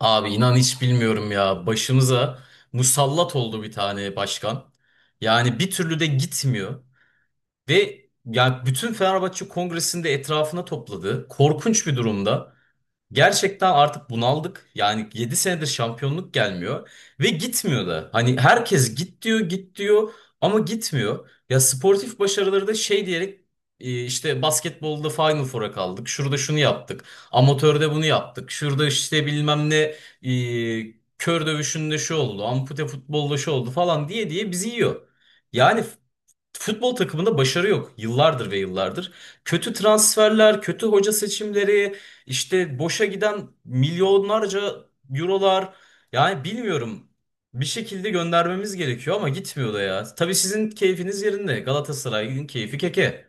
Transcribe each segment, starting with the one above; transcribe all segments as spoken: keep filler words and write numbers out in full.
Abi inan hiç bilmiyorum ya. Başımıza musallat oldu bir tane başkan. Yani bir türlü de gitmiyor. Ve ya bütün Fenerbahçe Kongresi'nde etrafına topladı. Korkunç bir durumda. Gerçekten artık bunaldık. Yani yedi senedir şampiyonluk gelmiyor ve gitmiyor da. Hani herkes git diyor, git diyor ama gitmiyor. Ya sportif başarıları da şey diyerek e, işte basketbolda Final Four'a kaldık. Şurada şunu yaptık. Amatörde bunu yaptık. Şurada işte bilmem ne e, kör dövüşünde şu oldu. Ampute futbolda şu oldu falan diye diye bizi yiyor. Yani futbol takımında başarı yok. Yıllardır ve yıllardır. Kötü transferler, kötü hoca seçimleri, işte boşa giden milyonlarca eurolar. Yani bilmiyorum. Bir şekilde göndermemiz gerekiyor ama gitmiyor da ya. Tabii sizin keyfiniz yerinde. Galatasaray'ın keyfi keke.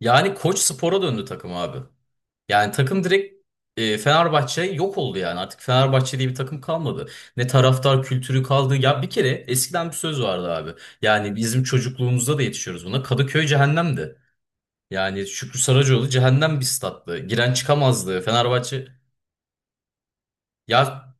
Yani koç spora döndü takım abi. Yani takım direkt e, Fenerbahçe yok oldu yani. Artık Fenerbahçe diye bir takım kalmadı. Ne taraftar kültürü kaldı. Ya bir kere eskiden bir söz vardı abi. Yani bizim çocukluğumuzda da yetişiyoruz buna. Kadıköy cehennemdi. Yani Şükrü Saracoğlu cehennem bir stattı. Giren çıkamazdı. Fenerbahçe ya.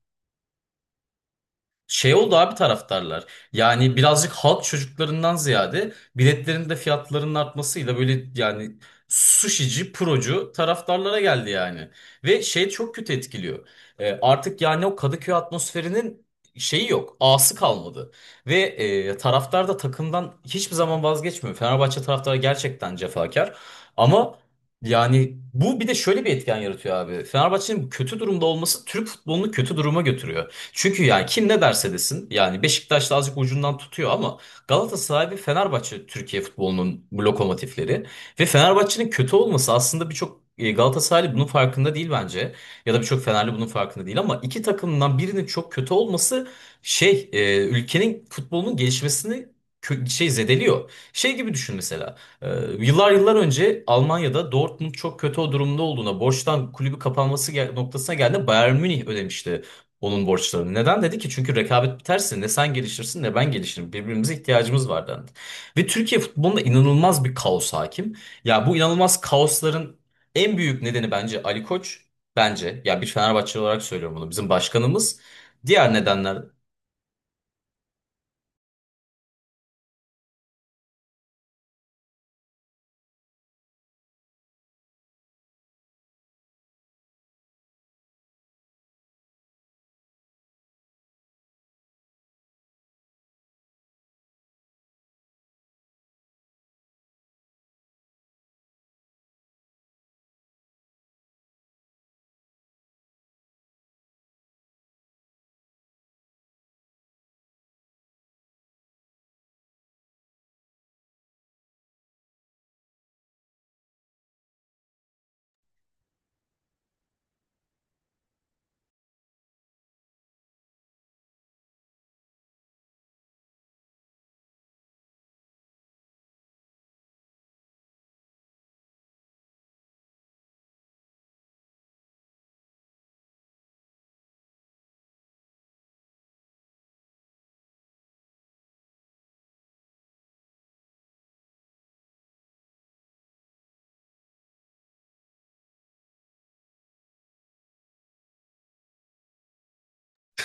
Şey oldu abi, taraftarlar. Yani birazcık halk çocuklarından ziyade biletlerin de fiyatlarının artmasıyla böyle yani sushici, procu taraftarlara geldi yani. Ve şey çok kötü etkiliyor. E, artık yani o Kadıköy atmosferinin şeyi yok. A'sı kalmadı. Ve e, taraftar da takımdan hiçbir zaman vazgeçmiyor. Fenerbahçe taraftarı gerçekten cefakar. Ama yani bu bir de şöyle bir etken yaratıyor abi. Fenerbahçe'nin bu kötü durumda olması Türk futbolunu kötü duruma götürüyor. Çünkü yani kim ne derse desin yani Beşiktaş'ta azıcık ucundan tutuyor ama Galatasaray ve Fenerbahçe Türkiye futbolunun bu lokomotifleri ve Fenerbahçe'nin kötü olması aslında birçok e, Galatasaraylı bunun farkında değil bence ya da birçok Fenerli bunun farkında değil ama iki takımdan birinin çok kötü olması şey e, ülkenin futbolunun gelişmesini kö- şey zedeliyor. Şey gibi düşün mesela. E, yıllar yıllar önce Almanya'da Dortmund çok kötü o durumda olduğuna, borçtan kulübü kapanması gel- noktasına geldiğinde Bayern Münih ödemişti onun borçlarını. Neden dedi ki? Çünkü rekabet biterse ne sen gelişirsin ne ben gelişirim. Birbirimize ihtiyacımız var dendi. Ve Türkiye futbolunda inanılmaz bir kaos hakim. Ya bu inanılmaz kaosların en büyük nedeni bence Ali Koç. Bence ya bir Fenerbahçeli olarak söylüyorum bunu. Bizim başkanımız. Diğer nedenler...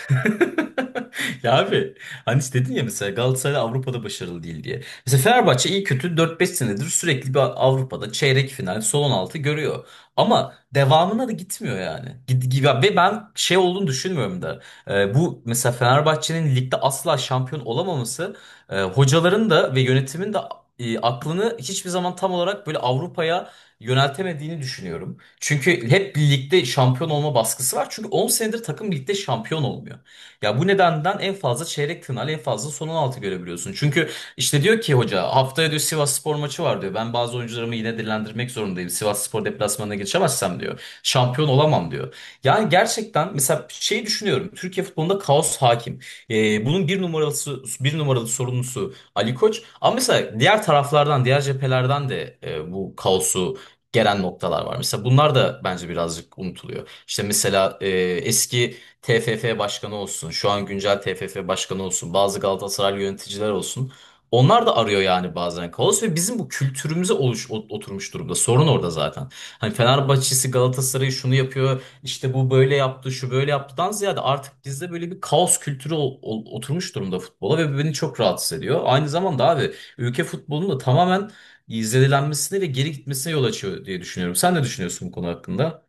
Ya abi hani işte dedin ya mesela Galatasaray Avrupa'da başarılı değil diye. Mesela Fenerbahçe iyi kötü dört beş senedir sürekli bir Avrupa'da çeyrek final, son on altı görüyor. Ama devamına da gitmiyor yani. Gid- gi- Ve ben şey olduğunu düşünmüyorum da. Ee, bu mesela Fenerbahçe'nin ligde asla şampiyon olamaması e, hocaların da ve yönetimin de e, aklını hiçbir zaman tam olarak böyle Avrupa'ya yöneltemediğini düşünüyorum. Çünkü hep birlikte şampiyon olma baskısı var. Çünkü on senedir takım birlikte şampiyon olmuyor. Ya bu nedenden en fazla çeyrek final en fazla son on altı görebiliyorsun. Çünkü işte diyor ki hoca haftaya diyor Sivasspor maçı var diyor. Ben bazı oyuncularımı yine dinlendirmek zorundayım. Sivasspor deplasmanına geçemezsem diyor. Şampiyon olamam diyor. Yani gerçekten mesela şeyi düşünüyorum. Türkiye futbolunda kaos hakim. Ee, bunun bir numaralısı bir numaralı sorumlusu Ali Koç. Ama mesela diğer taraflardan, diğer cephelerden de e, bu kaosu gelen noktalar var. Mesela bunlar da bence birazcık unutuluyor. İşte mesela e, eski T F F başkanı olsun, şu an güncel T F F başkanı olsun, bazı Galatasaray yöneticiler olsun. Onlar da arıyor yani bazen kaos ve bizim bu kültürümüze oluş, ot- oturmuş durumda. Sorun orada zaten. Hani Fenerbahçe'si Galatasaray'ı şunu yapıyor, işte bu böyle yaptı, şu böyle yaptıdan ziyade artık bizde böyle bir kaos kültürü ol- ol- oturmuş durumda futbola ve bu beni çok rahatsız ediyor. Aynı zamanda abi ülke futbolunun da tamamen izledilenmesine ve geri gitmesine yol açıyor diye düşünüyorum. Sen ne düşünüyorsun bu konu hakkında?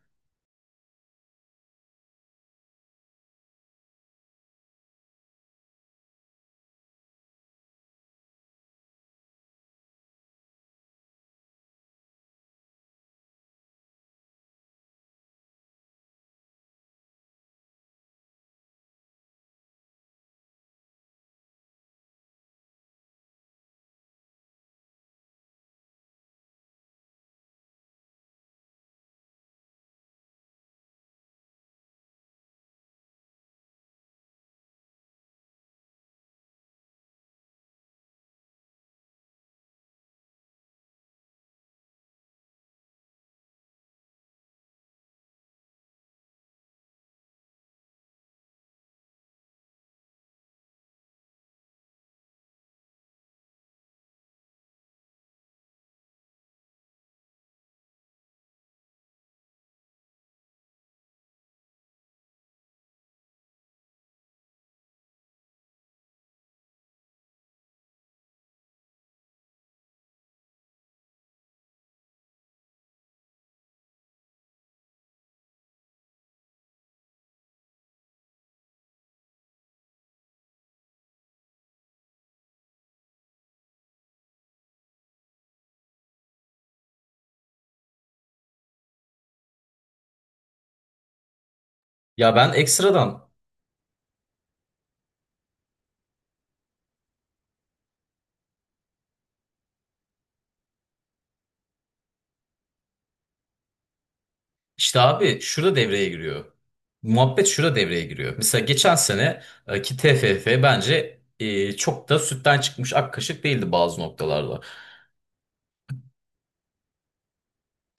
Ya ben ekstradan. İşte abi şurada devreye giriyor. Muhabbet şurada devreye giriyor. Mesela geçen sene e, ki T F F bence e, çok da sütten çıkmış ak kaşık değildi bazı noktalarda.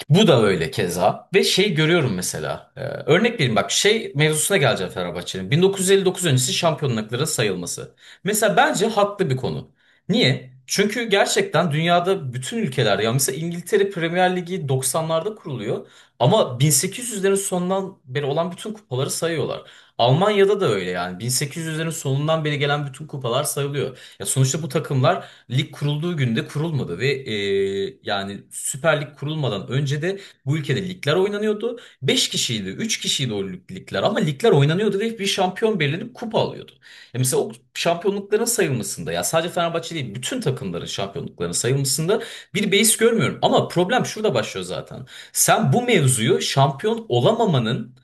Bu da öyle keza ve şey görüyorum mesela e, örnek vereyim bak şey mevzusuna geleceğim Fenerbahçe'nin bin dokuz yüz elli dokuz öncesi şampiyonluklara sayılması. Mesela bence haklı bir konu. Niye? Çünkü gerçekten dünyada bütün ülkeler ya mesela İngiltere Premier Ligi doksanlarda kuruluyor ama bin sekiz yüzlerin sonundan beri olan bütün kupaları sayıyorlar. Almanya'da da öyle yani bin sekiz yüzlerin sonundan beri gelen bütün kupalar sayılıyor. Ya sonuçta bu takımlar lig kurulduğu günde kurulmadı ve e, yani Süper Lig kurulmadan önce de bu ülkede ligler oynanıyordu. Beş kişiydi, üç kişiydi o lig- ligler ama ligler oynanıyordu ve bir şampiyon belirlenip kupa alıyordu. Ya mesela o şampiyonlukların sayılmasında ya sadece Fenerbahçe değil bütün takımların şampiyonluklarının sayılmasında bir beis görmüyorum. Ama problem şurada başlıyor zaten. Sen bu mevzuyu şampiyon olamamanın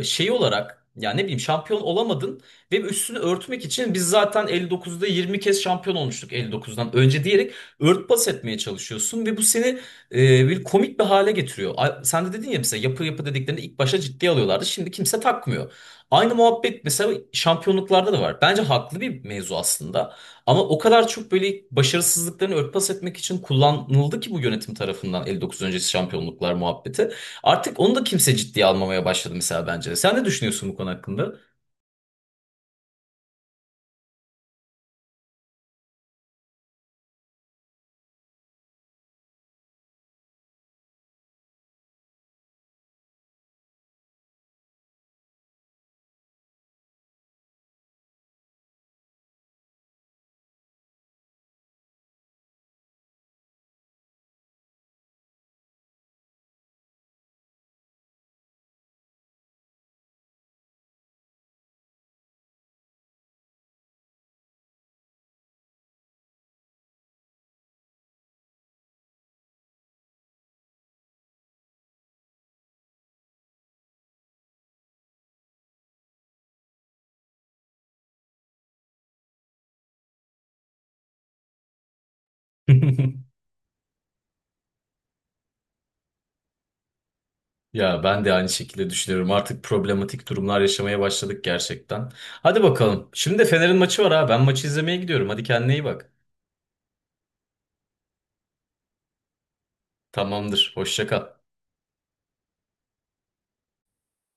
e, şeyi olarak ya ne bileyim şampiyon olamadın ve üstünü örtmek için biz zaten elli dokuzda yirmi kez şampiyon olmuştuk elli dokuzdan önce diyerek örtbas etmeye çalışıyorsun ve bu seni e, bir komik bir hale getiriyor. A- Sen de dedin ya mesela yapı yapı dediklerini ilk başta ciddiye alıyorlardı şimdi kimse takmıyor. Aynı muhabbet mesela şampiyonluklarda da var. Bence haklı bir mevzu aslında ama o kadar çok böyle başarısızlıklarını örtbas etmek için kullanıldı ki bu yönetim tarafından elli dokuz öncesi şampiyonluklar muhabbeti. Artık onu da kimse ciddiye almamaya başladı mesela bence. Sen ne düşünüyorsun bu konu hakkında? Ya ben de aynı şekilde düşünüyorum. Artık problematik durumlar yaşamaya başladık gerçekten. Hadi bakalım. Şimdi de Fener'in maçı var ha. Ben maçı izlemeye gidiyorum. Hadi kendine iyi bak. Tamamdır. Hoşça kal.